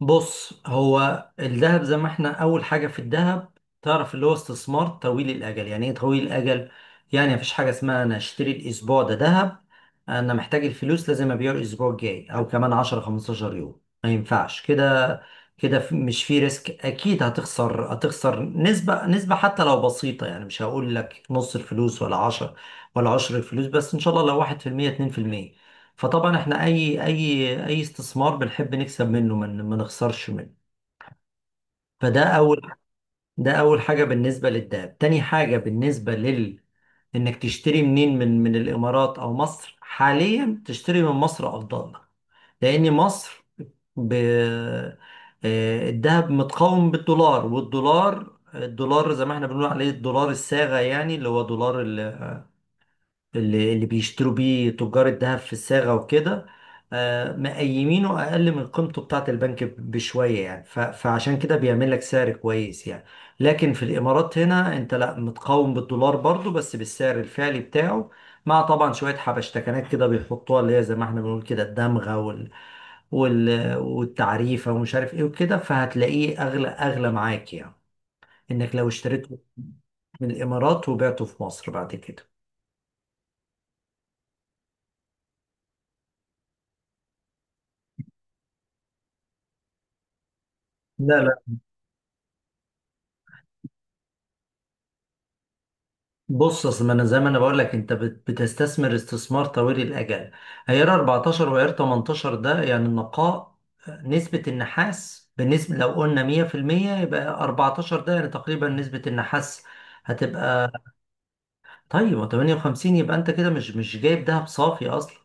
بص، هو الذهب زي ما احنا، اول حاجه في الذهب، تعرف اللي هو استثمار طويل الاجل. يعني ايه طويل الاجل؟ يعني مفيش حاجه اسمها انا اشتري الاسبوع ده ذهب، انا محتاج الفلوس، لازم ابيعه الاسبوع الجاي او كمان 10 15 يوم، ما ينفعش كده. كده مش في ريسك، اكيد هتخسر نسبه حتى لو بسيطه، يعني مش هقول لك نص الفلوس ولا 10 ولا 10 الفلوس، بس ان شاء الله لو 1% 2%. فطبعا احنا اي استثمار بنحب نكسب منه، ما نخسرش منه. فده اول، ده اول حاجه بالنسبه للدهب. تاني حاجه بالنسبه لل، انك تشتري منين، من الامارات او مصر؟ حاليا تشتري من مصر افضل لك، لان مصر ب... آه، الذهب متقاوم بالدولار. والدولار زي ما احنا بنقول عليه الدولار الصاغة، يعني اللي هو دولار اللي بيشتروا بيه تجار الذهب في الصاغة وكده، مقيمينه أقل من قيمته بتاعة البنك بشوية يعني، فعشان كده بيعمل لك سعر كويس يعني. لكن في الإمارات هنا أنت لا، متقاوم بالدولار برضو، بس بالسعر الفعلي بتاعه، مع طبعا شوية حبشتكنات كده بيحطوها، اللي هي زي ما احنا بنقول كده الدمغة والتعريفة ومش عارف ايه وكده، فهتلاقيه أغلى أغلى معاك يعني، إنك لو اشتريته من الإمارات وبعته في مصر بعد كده. لا، لا. بص، اصل ما انا زي ما انا بقول لك، انت بتستثمر استثمار طويل الاجل. عيار 14 وعيار 18 ده يعني النقاء، نسبة النحاس بالنسبة، لو قلنا 100% يبقى 14، ده يعني تقريبا نسبة النحاس هتبقى. طيب ما 58 يبقى انت كده مش جايب دهب صافي اصلا،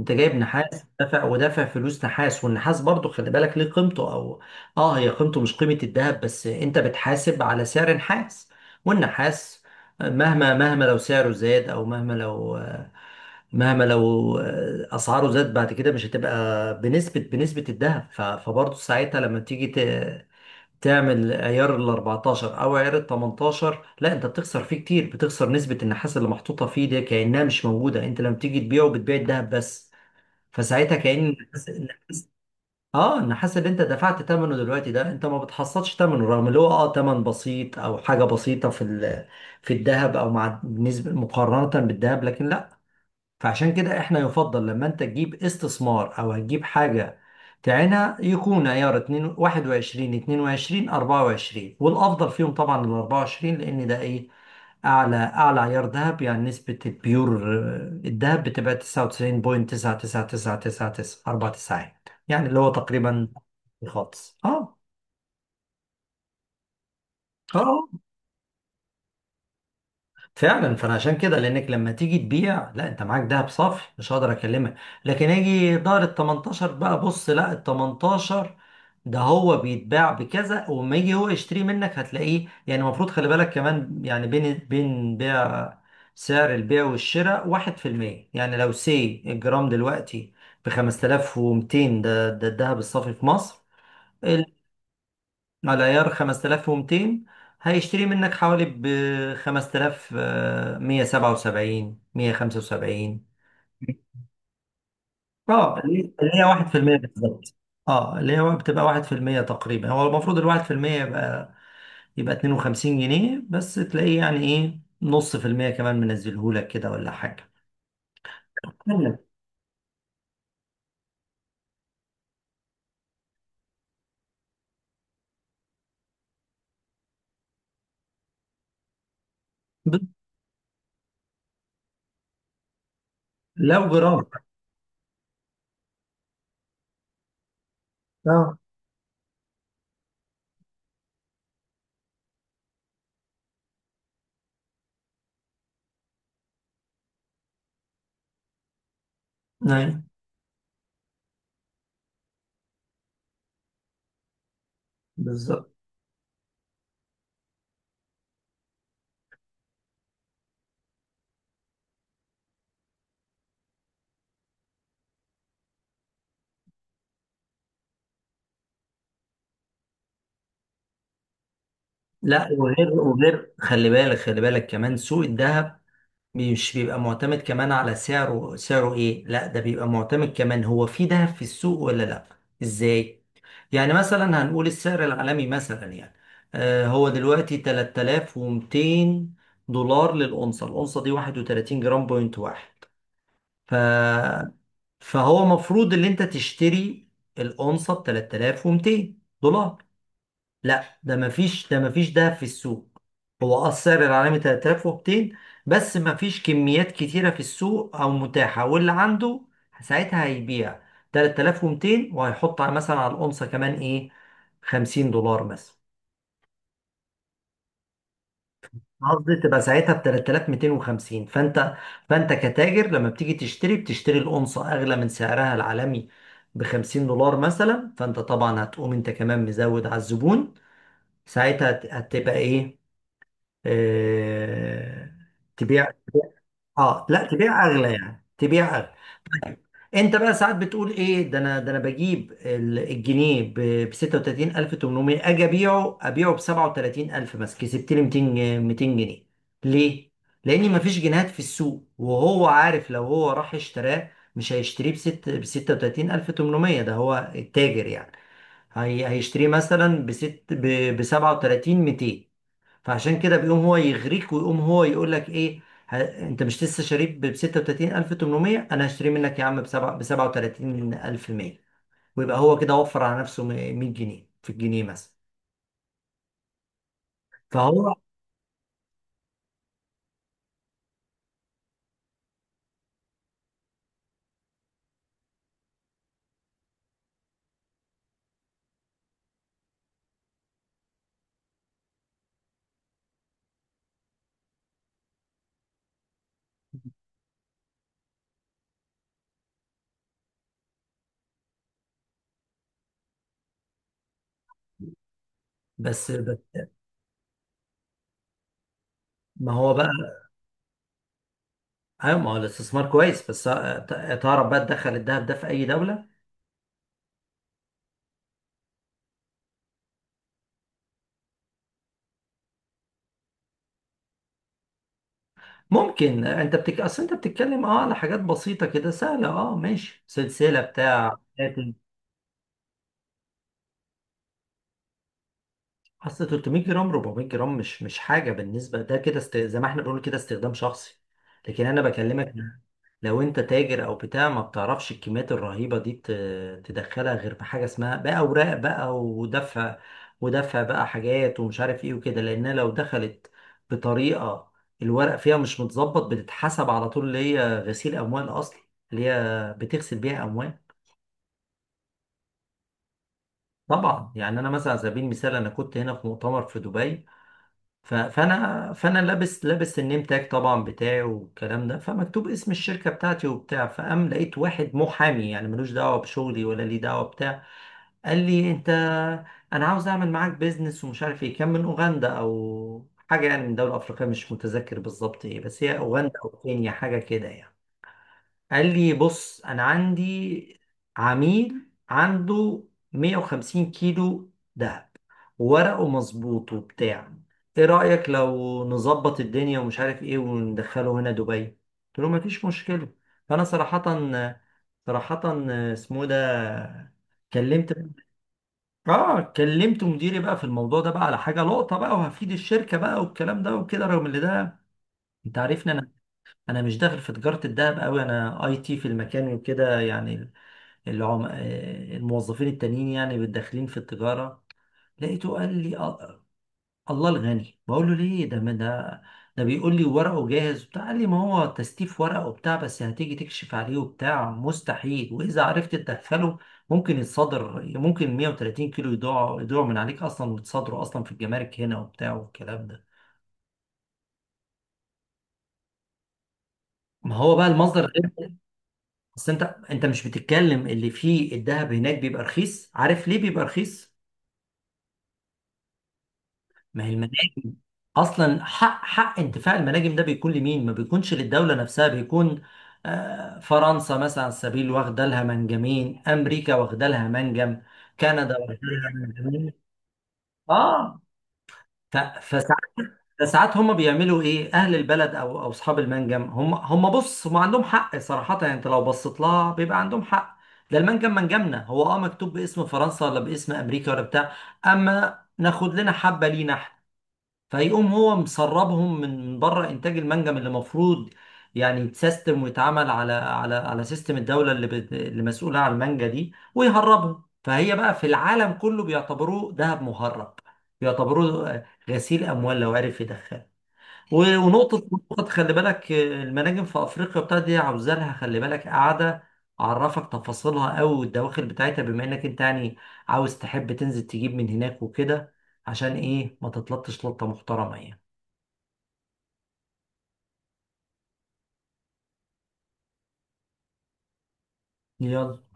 انت جايب نحاس، دافع ودافع فلوس نحاس. والنحاس برضو، خلي بالك ليه قيمته او، اه، هي قيمته مش قيمة الدهب، بس انت بتحاسب على سعر نحاس. والنحاس مهما لو سعره زاد، او مهما لو اسعاره زاد بعد كده، مش هتبقى بنسبة الدهب. فبرضو ساعتها لما تيجي تعمل عيار ال 14 او عيار ال 18، لا انت بتخسر فيه كتير، بتخسر نسبة النحاس اللي محطوطة فيه دي كأنها مش موجودة، انت لما تيجي تبيعه بتبيع الذهب بس. فساعتها كأن النحاس، اه، النحاس اللي انت دفعت ثمنه دلوقتي ده انت ما بتحصلش ثمنه، رغم اللي هو اه ثمن بسيط او حاجة بسيطة في الذهب، او مع نسبة مقارنة بالذهب، لكن لا. فعشان كده احنا يفضل لما انت تجيب استثمار او هتجيب حاجة تعينها، يكون عيار 2 21، 22، 24، والافضل فيهم طبعا ال 24، لان ده ايه، اعلى عيار ذهب، يعني نسبة البيور، آه، الذهب بتبقى 99.99999، اربع تساعات، يعني اللي هو تقريبا خالص. اه. اه. آه. فعلا. فانا عشان كده، لانك لما تيجي تبيع، لا، انت معاك دهب صافي مش هقدر اكلمك. لكن اجي دار ال 18 بقى، بص، لا، ال 18 ده هو بيتباع بكذا، وما يجي هو يشتري منك هتلاقيه يعني، المفروض خلي بالك كمان يعني، بين بين بيع، سعر البيع والشراء 1%. يعني لو سي الجرام دلوقتي ب 5200، ده الذهب الصافي في مصر، على عيار، 5200 هيشتري منك حوالي ب 5177، 175. اه، اللي هي 1% بالظبط. اه، اللي هو بتبقى 1% تقريبا، هو المفروض ال 1% يبقى، يبقى 52 جنيه بس، تلاقيه يعني ايه نص في المية كمان منزلهولك كده ولا حاجة. استنى. ب- لو جرام. اه. نعم. بالظبط. لا، وغير خلي بالك، خلي بالك كمان سوق الذهب مش بيبقى معتمد كمان على سعره ايه، لا، ده بيبقى معتمد كمان هو في دهب في السوق ولا لا. ازاي؟ يعني مثلا هنقول السعر العالمي مثلا يعني، آه، هو دلوقتي 3200 دولار للأونصة. الأونصة دي 31 جرام بوينت واحد. ف... فهو مفروض ان انت تشتري الأونصة ب 3200 دولار. لا، ده مفيش، ده مفيش دهب في السوق. هو اه السعر العالمي 3200، بس مفيش كميات كتيرة في السوق او متاحة. واللي عنده ساعتها هيبيع 3200، مثلا على الأونصة كمان ايه، 50 دولار مثلا. قصدي تبقى ساعتها ب 3250. فانت كتاجر لما بتيجي تشتري، بتشتري الأونصة اغلى من سعرها العالمي ب 50 دولار مثلا. فانت طبعا هتقوم انت كمان مزود على الزبون، ساعتها هتبقى ايه، آه، تبيع تبيع- اه لا، تبيع اغلى، يعني تبيع اغلى. انت بقى ساعات بتقول ايه، ده انا، ده انا بجيب الجنيه ب 36800، اجي ابيعه ب 37000 مثلا، كسبت لي 200 200 جنيه. ليه؟ لان مفيش جنيهات في السوق، وهو عارف لو هو راح اشتراه مش هيشتريه بست ب 36800، ده هو التاجر يعني، هي هيشتريه مثلا بست ب 37200. فعشان كده بيقوم هو يغريك، ويقوم هو يقول لك ايه، ه... انت مش لسه شاريه ب 36800؟ انا هشتريه منك يا عم ب 37100. ويبقى هو كده وفر على نفسه 100 جنيه في الجنيه مثلا. فهو بس بس- ما هو بقى. ايوه، ما هو الاستثمار كويس، بس تعرف بقى تدخل الذهب ده في اي دوله. ممكن. انت اصل انت بتتكلم اه على حاجات بسيطه كده سهله، اه ماشي سلسله بتاع. اصل 300 جرام، 400 جرام مش حاجه بالنسبه، ده كده زي ما احنا بنقول كده استخدام شخصي. لكن انا بكلمك، لو انت تاجر او بتاع، ما بتعرفش الكميات الرهيبه دي تدخلها غير بحاجه اسمها بقى اوراق بقى ودفع، ودفع بقى، حاجات ومش عارف ايه وكده، لانها لو دخلت بطريقه الورق فيها مش متظبط، بتتحسب على طول اللي هي غسيل اموال اصلا، اللي هي بتغسل بيها اموال. طبعا يعني، انا مثلا على سبيل المثال، انا كنت هنا في مؤتمر في دبي، فانا لابس النيم تاج طبعا بتاعي والكلام ده، فمكتوب اسم الشركه بتاعتي وبتاع. فقام لقيت واحد محامي يعني ملوش دعوه بشغلي ولا ليه دعوه بتاع، قال لي انت، انا عاوز اعمل معاك بيزنس ومش عارف ايه، كان من اوغندا او حاجه، يعني من دوله افريقيه مش متذكر بالظبط ايه، بس هي اوغندا او كينيا حاجه كده يعني. قال لي بص، انا عندي عميل عنده 150 كيلو، وورقه مظبوط وبتاع، ايه رأيك لو نظبط الدنيا ومش عارف ايه وندخله هنا دبي. قلت له مفيش مشكلة. فانا صراحة، صراحة اسمه ده، كلمت، اه كلمت مديري بقى في الموضوع ده بقى، على حاجة لقطة بقى وهفيد الشركة بقى والكلام ده وكده، رغم ان ده انت عارفني انا، انا مش داخل في تجارة الذهب قوي، انا اي تي في المكان وكده يعني. العم... آه، الموظفين التانيين يعني داخلين في التجارة. لقيته قال لي، آه، الله الغني بقول له ليه، ده ده بيقول لي ورقه جاهز وبتاع. قال لي ما هو تستيف ورقه وبتاع، بس هتيجي تكشف عليه وبتاع مستحيل، واذا عرفت تدخله ممكن يتصدر، ممكن 130 كيلو يضيعوا من عليك اصلا، ويتصدروا اصلا في الجمارك هنا وبتاع والكلام ده. ما هو بقى المصدر غير. انت انت مش بتتكلم، اللي فيه الذهب هناك بيبقى رخيص. عارف ليه بيبقى رخيص؟ ما هي المناجم. اصلا حق انتفاع المناجم ده بيكون لمين، ما بيكونش للدوله نفسها، بيكون آه، فرنسا مثلا على سبيل واخده لها منجمين، امريكا واخده لها منجم، كندا واخده لها منجمين. اه. ف- فسا- فساعات هم بيعملوا ايه، اهل البلد او اصحاب المنجم، هم عندهم حق صراحه يعني، انت لو بصيت لها بيبقى عندهم حق. ده المنجم منجمنا، هو اه مكتوب باسم فرنسا ولا باسم امريكا ولا بتاع، اما ناخد لنا حبه لينا. فيقوم هو مسربهم من بره انتاج المنجم اللي المفروض يعني يتسيستم ويتعمل على على سيستم الدوله اللي مسؤوله عن المانجا دي، ويهربهم. فهي بقى في العالم كله بيعتبروه ذهب مهرب، بيعتبروه غسيل اموال، لو عرف يدخله. ونقطة، خلي بالك آه، المناجم في أفريقيا بتاعت دي عاوزة لها، خلي بالك، قاعدة أعرفك تفاصيلها أوي والدواخل بتاعتها، بما إنك أنت يعني عاوز تحب تنزل تجيب من هناك وكده، عشان إيه ما تتلطش لطة محترمة يعني. يلا.